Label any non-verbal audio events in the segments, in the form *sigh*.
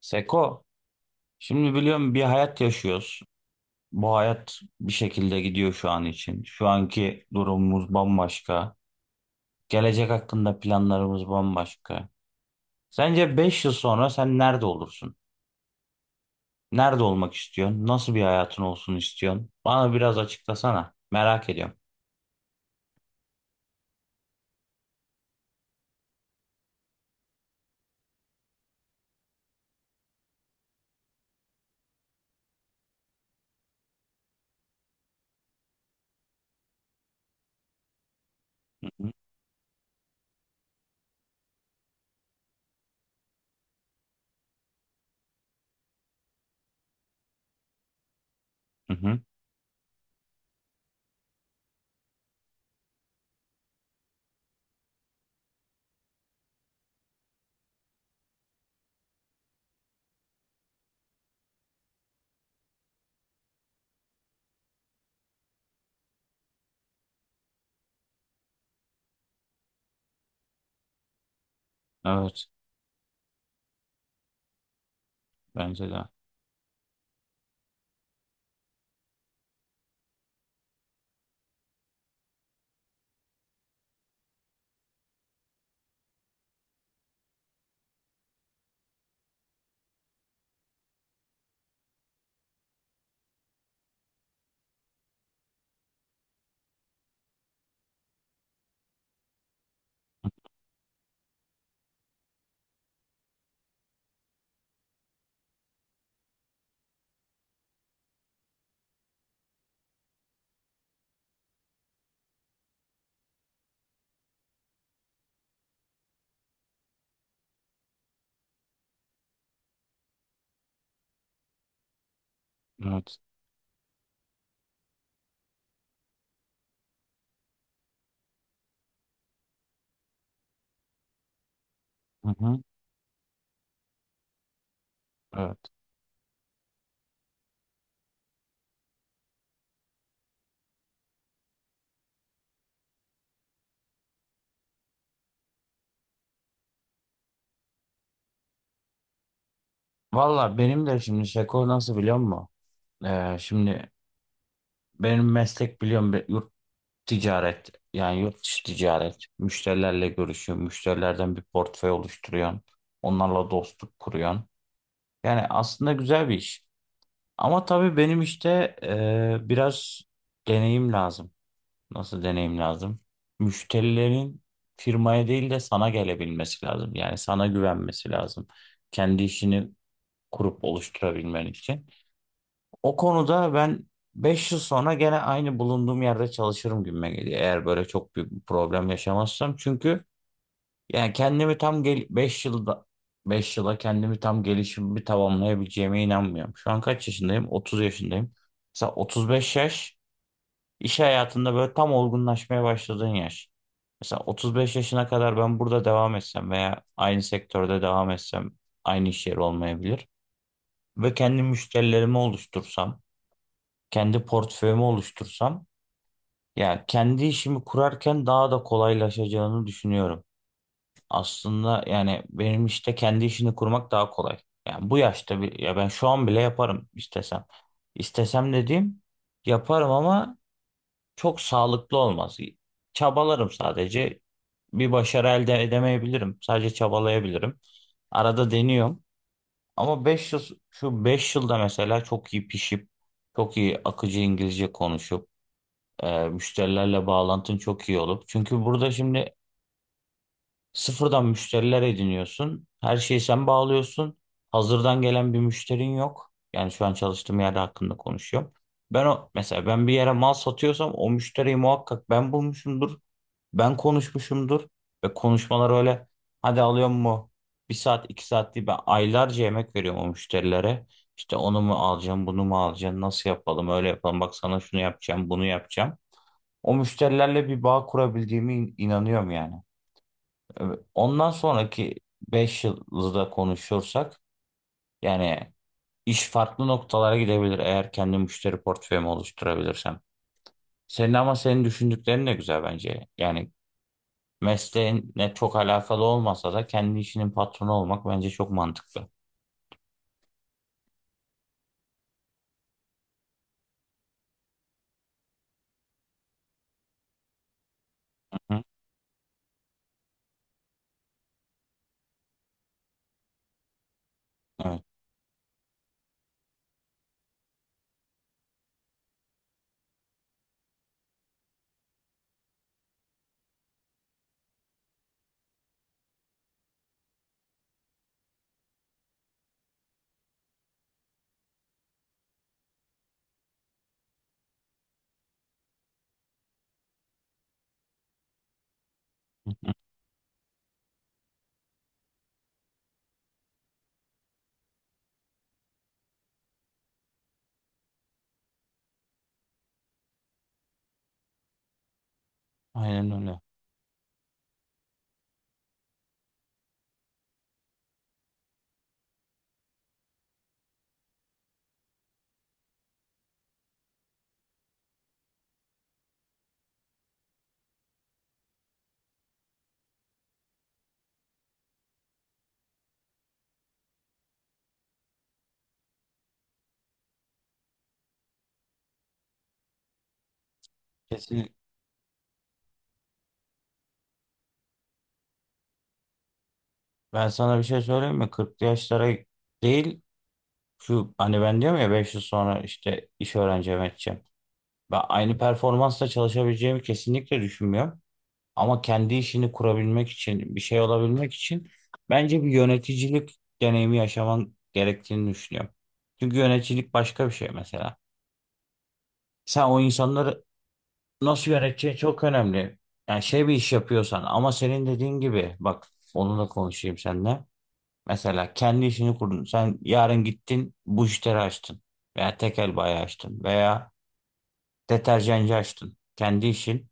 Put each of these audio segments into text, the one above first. Seko, şimdi biliyorum bir hayat yaşıyoruz. Bu hayat bir şekilde gidiyor şu an için. Şu anki durumumuz bambaşka. Gelecek hakkında planlarımız bambaşka. Sence 5 yıl sonra sen nerede olursun? Nerede olmak istiyorsun? Nasıl bir hayatın olsun istiyorsun? Bana biraz açıklasana. Merak ediyorum. Hı hı. Hı hı. Evet, bence de. Evet. Hı hı. Evet. Valla benim de şimdi Seko nasıl biliyor musun? Şimdi benim meslek biliyorum ticaret, yani yurt dışı ticaret. Müşterilerle görüşüyorsun. Müşterilerden bir portföy oluşturuyorsun. Onlarla dostluk kuruyorsun. Yani aslında güzel bir iş. Ama tabii benim işte biraz deneyim lazım. Nasıl deneyim lazım? Müşterilerin firmaya değil de sana gelebilmesi lazım. Yani sana güvenmesi lazım. Kendi işini kurup oluşturabilmen için. O konuda ben 5 yıl sonra gene aynı bulunduğum yerde çalışırım gibime geliyor. Eğer böyle çok büyük bir problem yaşamazsam. Çünkü yani kendimi tam gel 5 yılda 5 yıla kendimi tam gelişimimi tamamlayabileceğime inanmıyorum. Şu an kaç yaşındayım? 30 yaşındayım. Mesela 35 yaş iş hayatında böyle tam olgunlaşmaya başladığın yaş. Mesela 35 yaşına kadar ben burada devam etsem veya aynı sektörde devam etsem aynı iş yeri olmayabilir. Ve kendi müşterilerimi oluştursam kendi portföyümü oluştursam ya kendi işimi kurarken daha da kolaylaşacağını düşünüyorum. Aslında yani benim işte kendi işini kurmak daha kolay. Yani bu yaşta bir ya ben şu an bile yaparım istesem. İstesem dediğim yaparım ama çok sağlıklı olmaz. Çabalarım sadece. Bir başarı elde edemeyebilirim. Sadece çabalayabilirim. Arada deniyorum. Ama 5 yıl şu 5 yılda mesela çok iyi pişip çok iyi akıcı İngilizce konuşup müşterilerle bağlantın çok iyi olup. Çünkü burada şimdi sıfırdan müşteriler ediniyorsun. Her şeyi sen bağlıyorsun. Hazırdan gelen bir müşterin yok. Yani şu an çalıştığım yerde hakkında konuşuyorum. Ben o mesela ben bir yere mal satıyorsam o müşteriyi muhakkak ben bulmuşumdur. Ben konuşmuşumdur. Ve konuşmalar öyle hadi alıyor mu? 1 saat 2 saat değil, ben aylarca emek veriyorum o müşterilere. İşte onu mu alacağım, bunu mu alacağım, nasıl yapalım, öyle yapalım, bak sana şunu yapacağım, bunu yapacağım. O müşterilerle bir bağ kurabildiğimi inanıyorum yani. Evet. Ondan sonraki 5 yılda konuşursak yani iş farklı noktalara gidebilir, eğer kendi müşteri portföyümü oluşturabilirsem. Senin, ama senin düşündüklerin de güzel bence. Yani mesleğinle çok alakalı olmasa da kendi işinin patronu olmak bence çok mantıklı. Hı. Evet. Hı hı. Aynen öyle. Kesin. Ben sana bir şey söyleyeyim mi? 40'lı yaşlara değil, şu hani ben diyorum ya 5 yıl sonra işte iş öğreneceğim, edeceğim. Ben aynı performansla çalışabileceğimi kesinlikle düşünmüyorum. Ama kendi işini kurabilmek için, bir şey olabilmek için bence bir yöneticilik deneyimi yaşaman gerektiğini düşünüyorum. Çünkü yöneticilik başka bir şey mesela. Sen o insanları nasıl yöneteceğin çok önemli. Yani şey, bir iş yapıyorsan, ama senin dediğin gibi bak, onunla konuşayım seninle. Mesela kendi işini kurdun. Sen yarın gittin bujiteri açtın veya tekel bayi açtın veya deterjancı açtın. Kendi işin.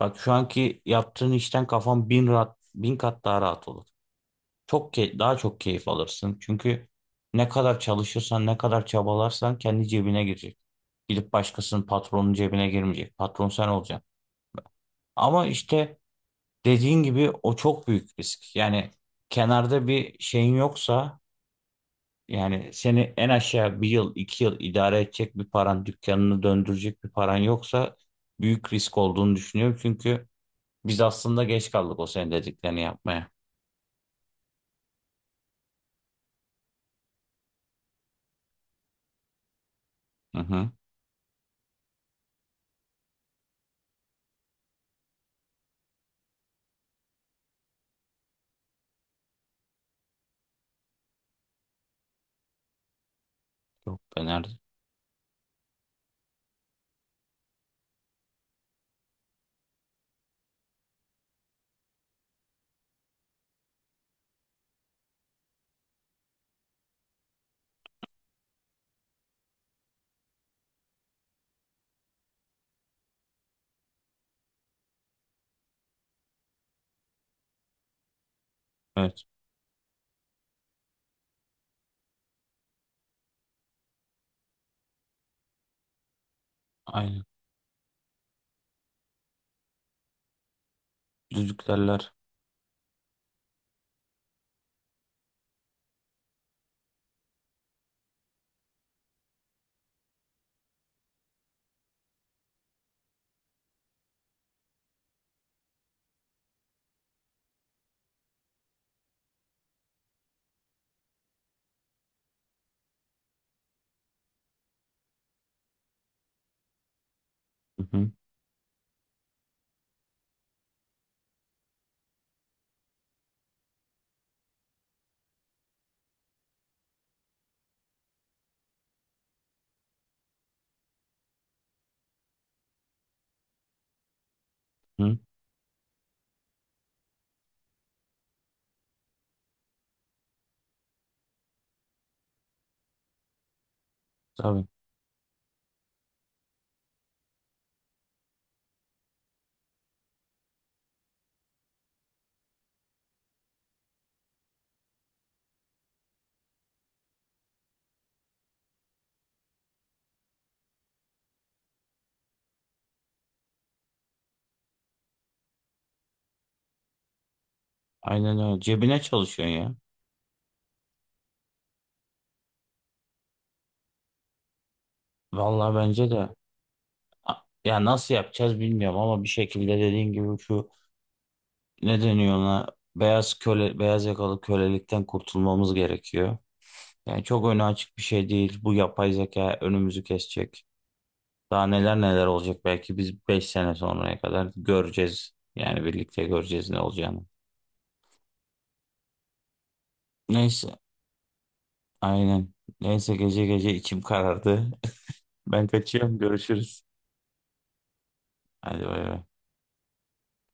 Bak şu anki yaptığın işten kafan bin rahat, bin kat daha rahat olur. Çok daha çok keyif alırsın. Çünkü ne kadar çalışırsan, ne kadar çabalarsan kendi cebine girecek. Gidip başkasının, patronun cebine girmeyecek. Patron sen olacaksın. Ama işte dediğin gibi o çok büyük risk. Yani kenarda bir şeyin yoksa, yani seni en aşağı 1 yıl, 2 yıl idare edecek bir paran, dükkanını döndürecek bir paran yoksa büyük risk olduğunu düşünüyorum. Çünkü biz aslında geç kaldık o senin dediklerini yapmaya. Hı hı. Yok be, nerede? Evet. Aynen. Düdüklerler. Hı hı. Hı. Tabii. Aynen öyle. Cebine çalışıyorsun ya. Vallahi bence de. A- Ya, nasıl yapacağız bilmiyorum ama bir şekilde dediğin gibi, şu ne deniyor ona, beyaz köle, beyaz yakalı kölelikten kurtulmamız gerekiyor. Yani çok önü açık bir şey değil. Bu yapay zeka önümüzü kesecek. Daha neler neler olacak, belki biz 5 sene sonraya kadar göreceğiz. Yani birlikte göreceğiz ne olacağını. Neyse, aynen. Neyse, gece gece içim karardı. *laughs* Ben kaçıyorum, görüşürüz. Hadi bay bay.